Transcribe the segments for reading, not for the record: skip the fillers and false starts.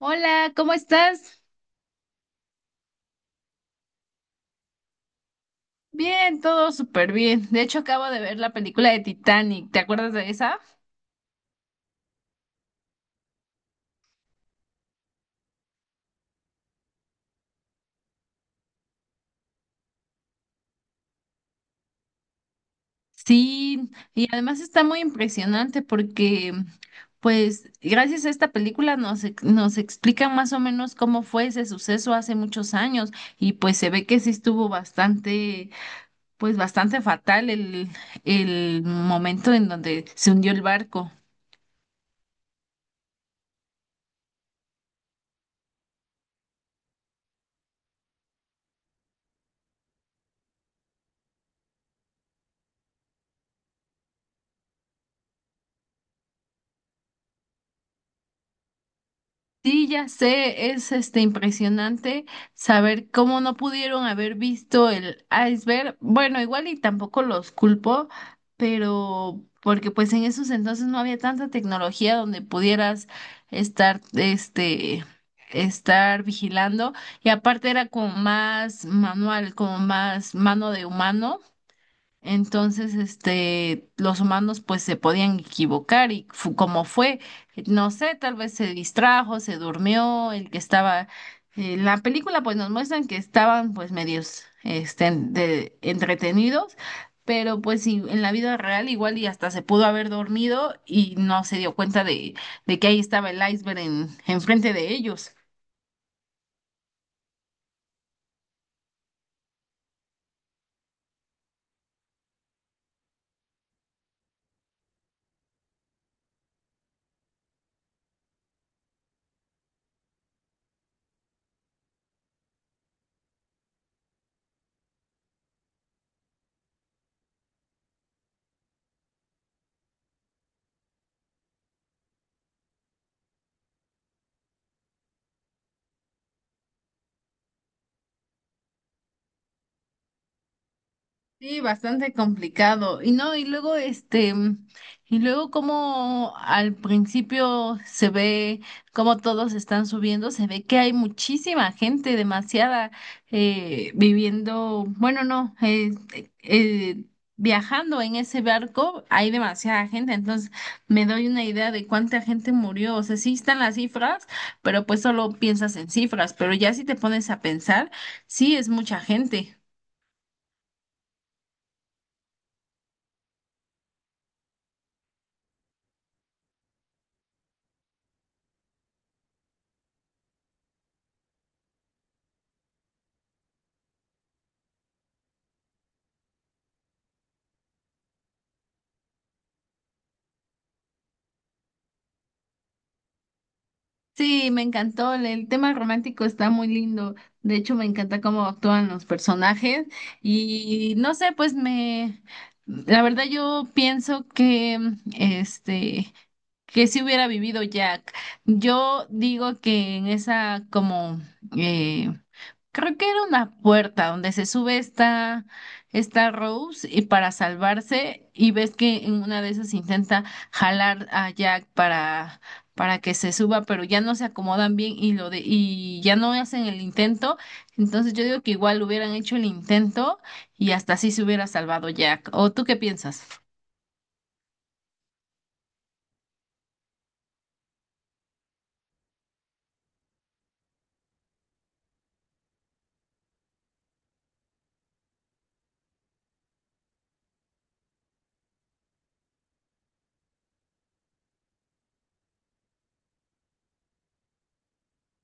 Hola, ¿cómo estás? Bien, todo súper bien. De hecho, acabo de ver la película de Titanic. ¿Te acuerdas de esa? Sí, y además está muy impresionante porque, pues, gracias a esta película nos, nos explica más o menos cómo fue ese suceso hace muchos años y pues se ve que sí estuvo bastante, pues, bastante fatal el momento en donde se hundió el barco. Sí, ya sé, es impresionante saber cómo no pudieron haber visto el iceberg. Bueno, igual y tampoco los culpo, pero porque pues en esos entonces no había tanta tecnología donde pudieras estar estar vigilando y aparte era como más manual, como más mano de humano. Entonces, los humanos pues se podían equivocar y como fue, no sé, tal vez se distrajo, se durmió, el que estaba, en la película pues nos muestran que estaban pues medios, entretenidos, pero pues sí, en la vida real igual y hasta se pudo haber dormido y no se dio cuenta de que ahí estaba el iceberg enfrente de ellos. Sí, bastante complicado. Y no, y luego y luego como al principio se ve como todos están subiendo, se ve que hay muchísima gente, demasiada, viviendo, bueno, no, eh, viajando en ese barco, hay demasiada gente. Entonces me doy una idea de cuánta gente murió. O sea, sí están las cifras, pero pues solo piensas en cifras. Pero ya si te pones a pensar, sí es mucha gente. Sí, me encantó. El tema romántico está muy lindo. De hecho, me encanta cómo actúan los personajes. Y no sé, pues me, la verdad yo pienso que, este, que si hubiera vivido Jack. Yo digo que en esa como eh, creo que era una puerta donde se sube esta Rose y para salvarse y ves que en una de esas intenta jalar a Jack para que se suba, pero ya no se acomodan bien y y ya no hacen el intento. Entonces yo digo que igual hubieran hecho el intento y hasta así se hubiera salvado Jack. ¿O tú qué piensas?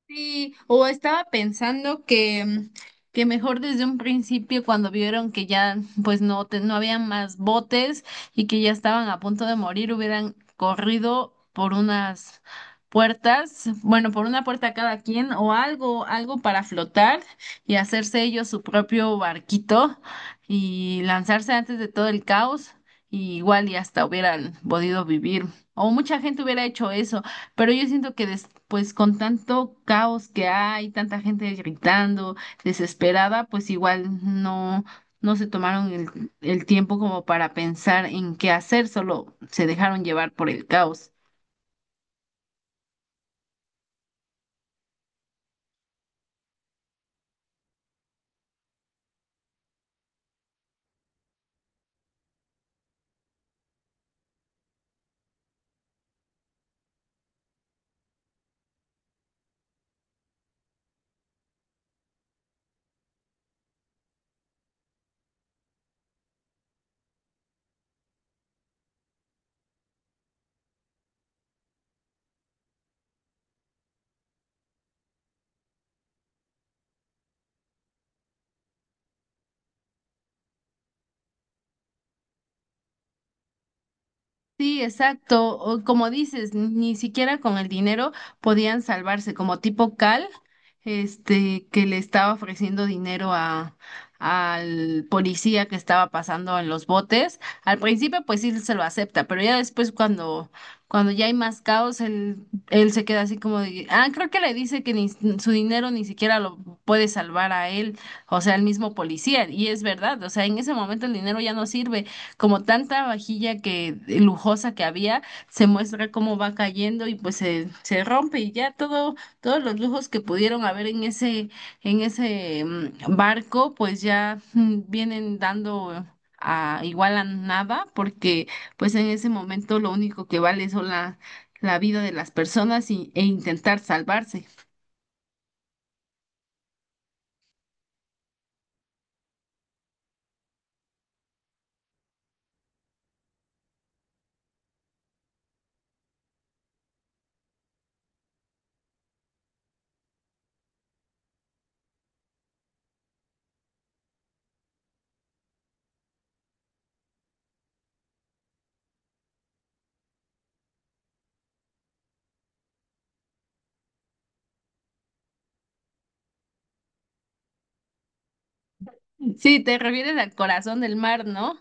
Sí, o estaba pensando que, que mejor desde un principio cuando vieron que ya pues no, no había más botes y que ya estaban a punto de morir, hubieran corrido por unas puertas, bueno, por una puerta cada quien o algo para flotar y hacerse ellos su propio barquito y lanzarse antes de todo el caos y igual y hasta hubieran podido vivir o mucha gente hubiera hecho eso. Pero yo siento que después con tanto caos que hay, tanta gente gritando, desesperada, pues igual no, no se tomaron el tiempo como para pensar en qué hacer, solo se dejaron llevar por el caos. Sí, exacto. O como dices, ni siquiera con el dinero podían salvarse, como tipo Cal, que le estaba ofreciendo dinero a al policía que estaba pasando en los botes. Al principio, pues sí se lo acepta, pero ya después cuando ya hay más caos, él se queda así como de, ah, creo que le dice que ni su dinero ni siquiera lo puede salvar a él, o sea, al mismo policía. Y es verdad, o sea, en ese momento el dinero ya no sirve como tanta vajilla que lujosa que había, se muestra cómo va cayendo y pues se rompe y ya todo, todos los lujos que pudieron haber en ese barco, pues ya vienen dando a igual a nada, porque pues en ese momento lo único que vale son la vida de las personas e intentar salvarse. Sí, te refieres al corazón del mar, ¿no?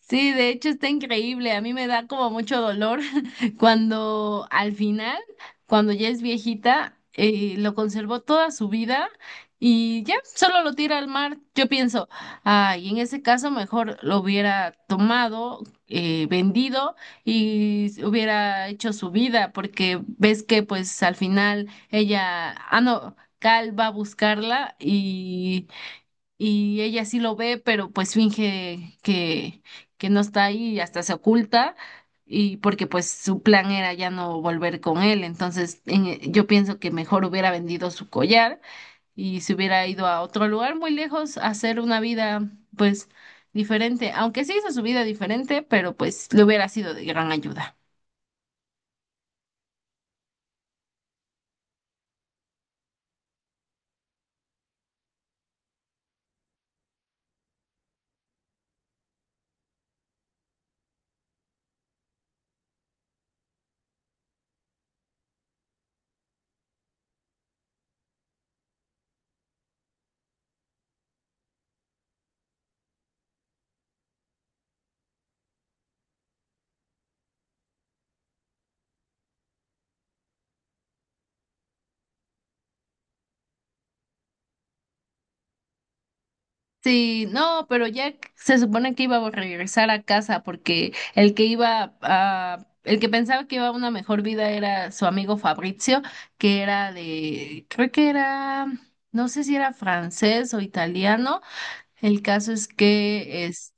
Sí, de hecho está increíble. A mí me da como mucho dolor cuando al final, cuando ya es viejita, lo conservó toda su vida y ya solo lo tira al mar. Yo pienso, ay, en ese caso mejor lo hubiera tomado, vendido y hubiera hecho su vida, porque ves que pues al final ella, ah, no, Cal va a buscarla y ella sí lo ve, pero pues finge que no está ahí y hasta se oculta y porque pues su plan era ya no volver con él, entonces yo pienso que mejor hubiera vendido su collar y se hubiera ido a otro lugar muy lejos a hacer una vida pues diferente, aunque sí hizo su vida diferente, pero pues le hubiera sido de gran ayuda. Sí, no, pero Jack se supone que iba a regresar a casa porque el que pensaba que iba a una mejor vida era su amigo Fabrizio, que era de, creo que era, no sé si era francés o italiano. El caso es que es,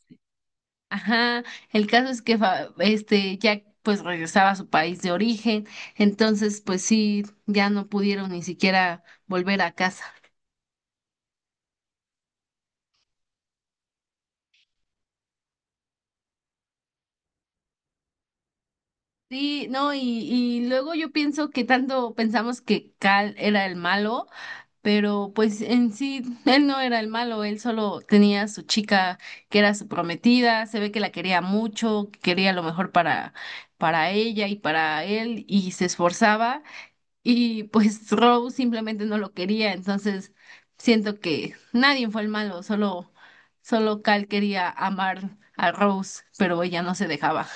ajá, el caso es que Jack pues regresaba a su país de origen, entonces pues sí, ya no pudieron ni siquiera volver a casa. Sí, no, y luego yo pienso que tanto pensamos que Cal era el malo, pero pues en sí él no era el malo, él solo tenía a su chica que era su prometida, se ve que la quería mucho, que quería lo mejor para ella y para él, y se esforzaba, y pues Rose simplemente no lo quería, entonces siento que nadie fue el malo, solo, solo Cal quería amar a Rose, pero ella no se dejaba.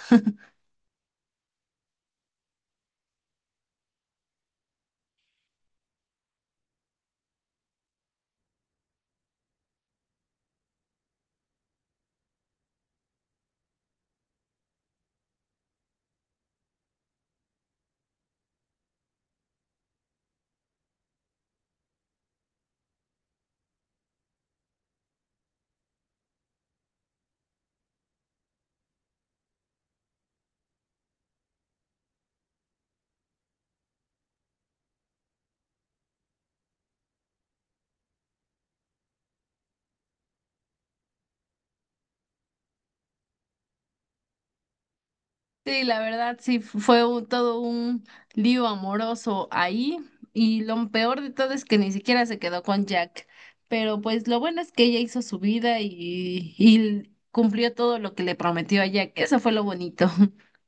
Sí, la verdad, todo un lío amoroso ahí y lo peor de todo es que ni siquiera se quedó con Jack, pero pues lo bueno es que ella hizo su vida y cumplió todo lo que le prometió a Jack, eso fue lo bonito.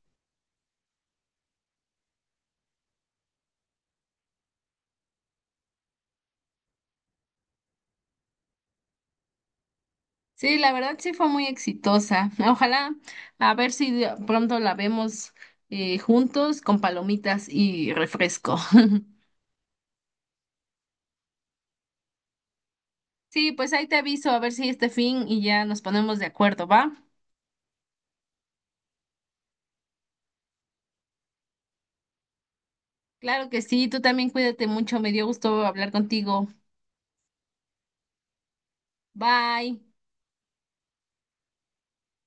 Sí, la verdad sí fue muy exitosa. Ojalá a ver si pronto la vemos juntos con palomitas y refresco. Sí, pues ahí te aviso a ver si este fin y ya nos ponemos de acuerdo, ¿va? Claro que sí, tú también cuídate mucho, me dio gusto hablar contigo. Bye.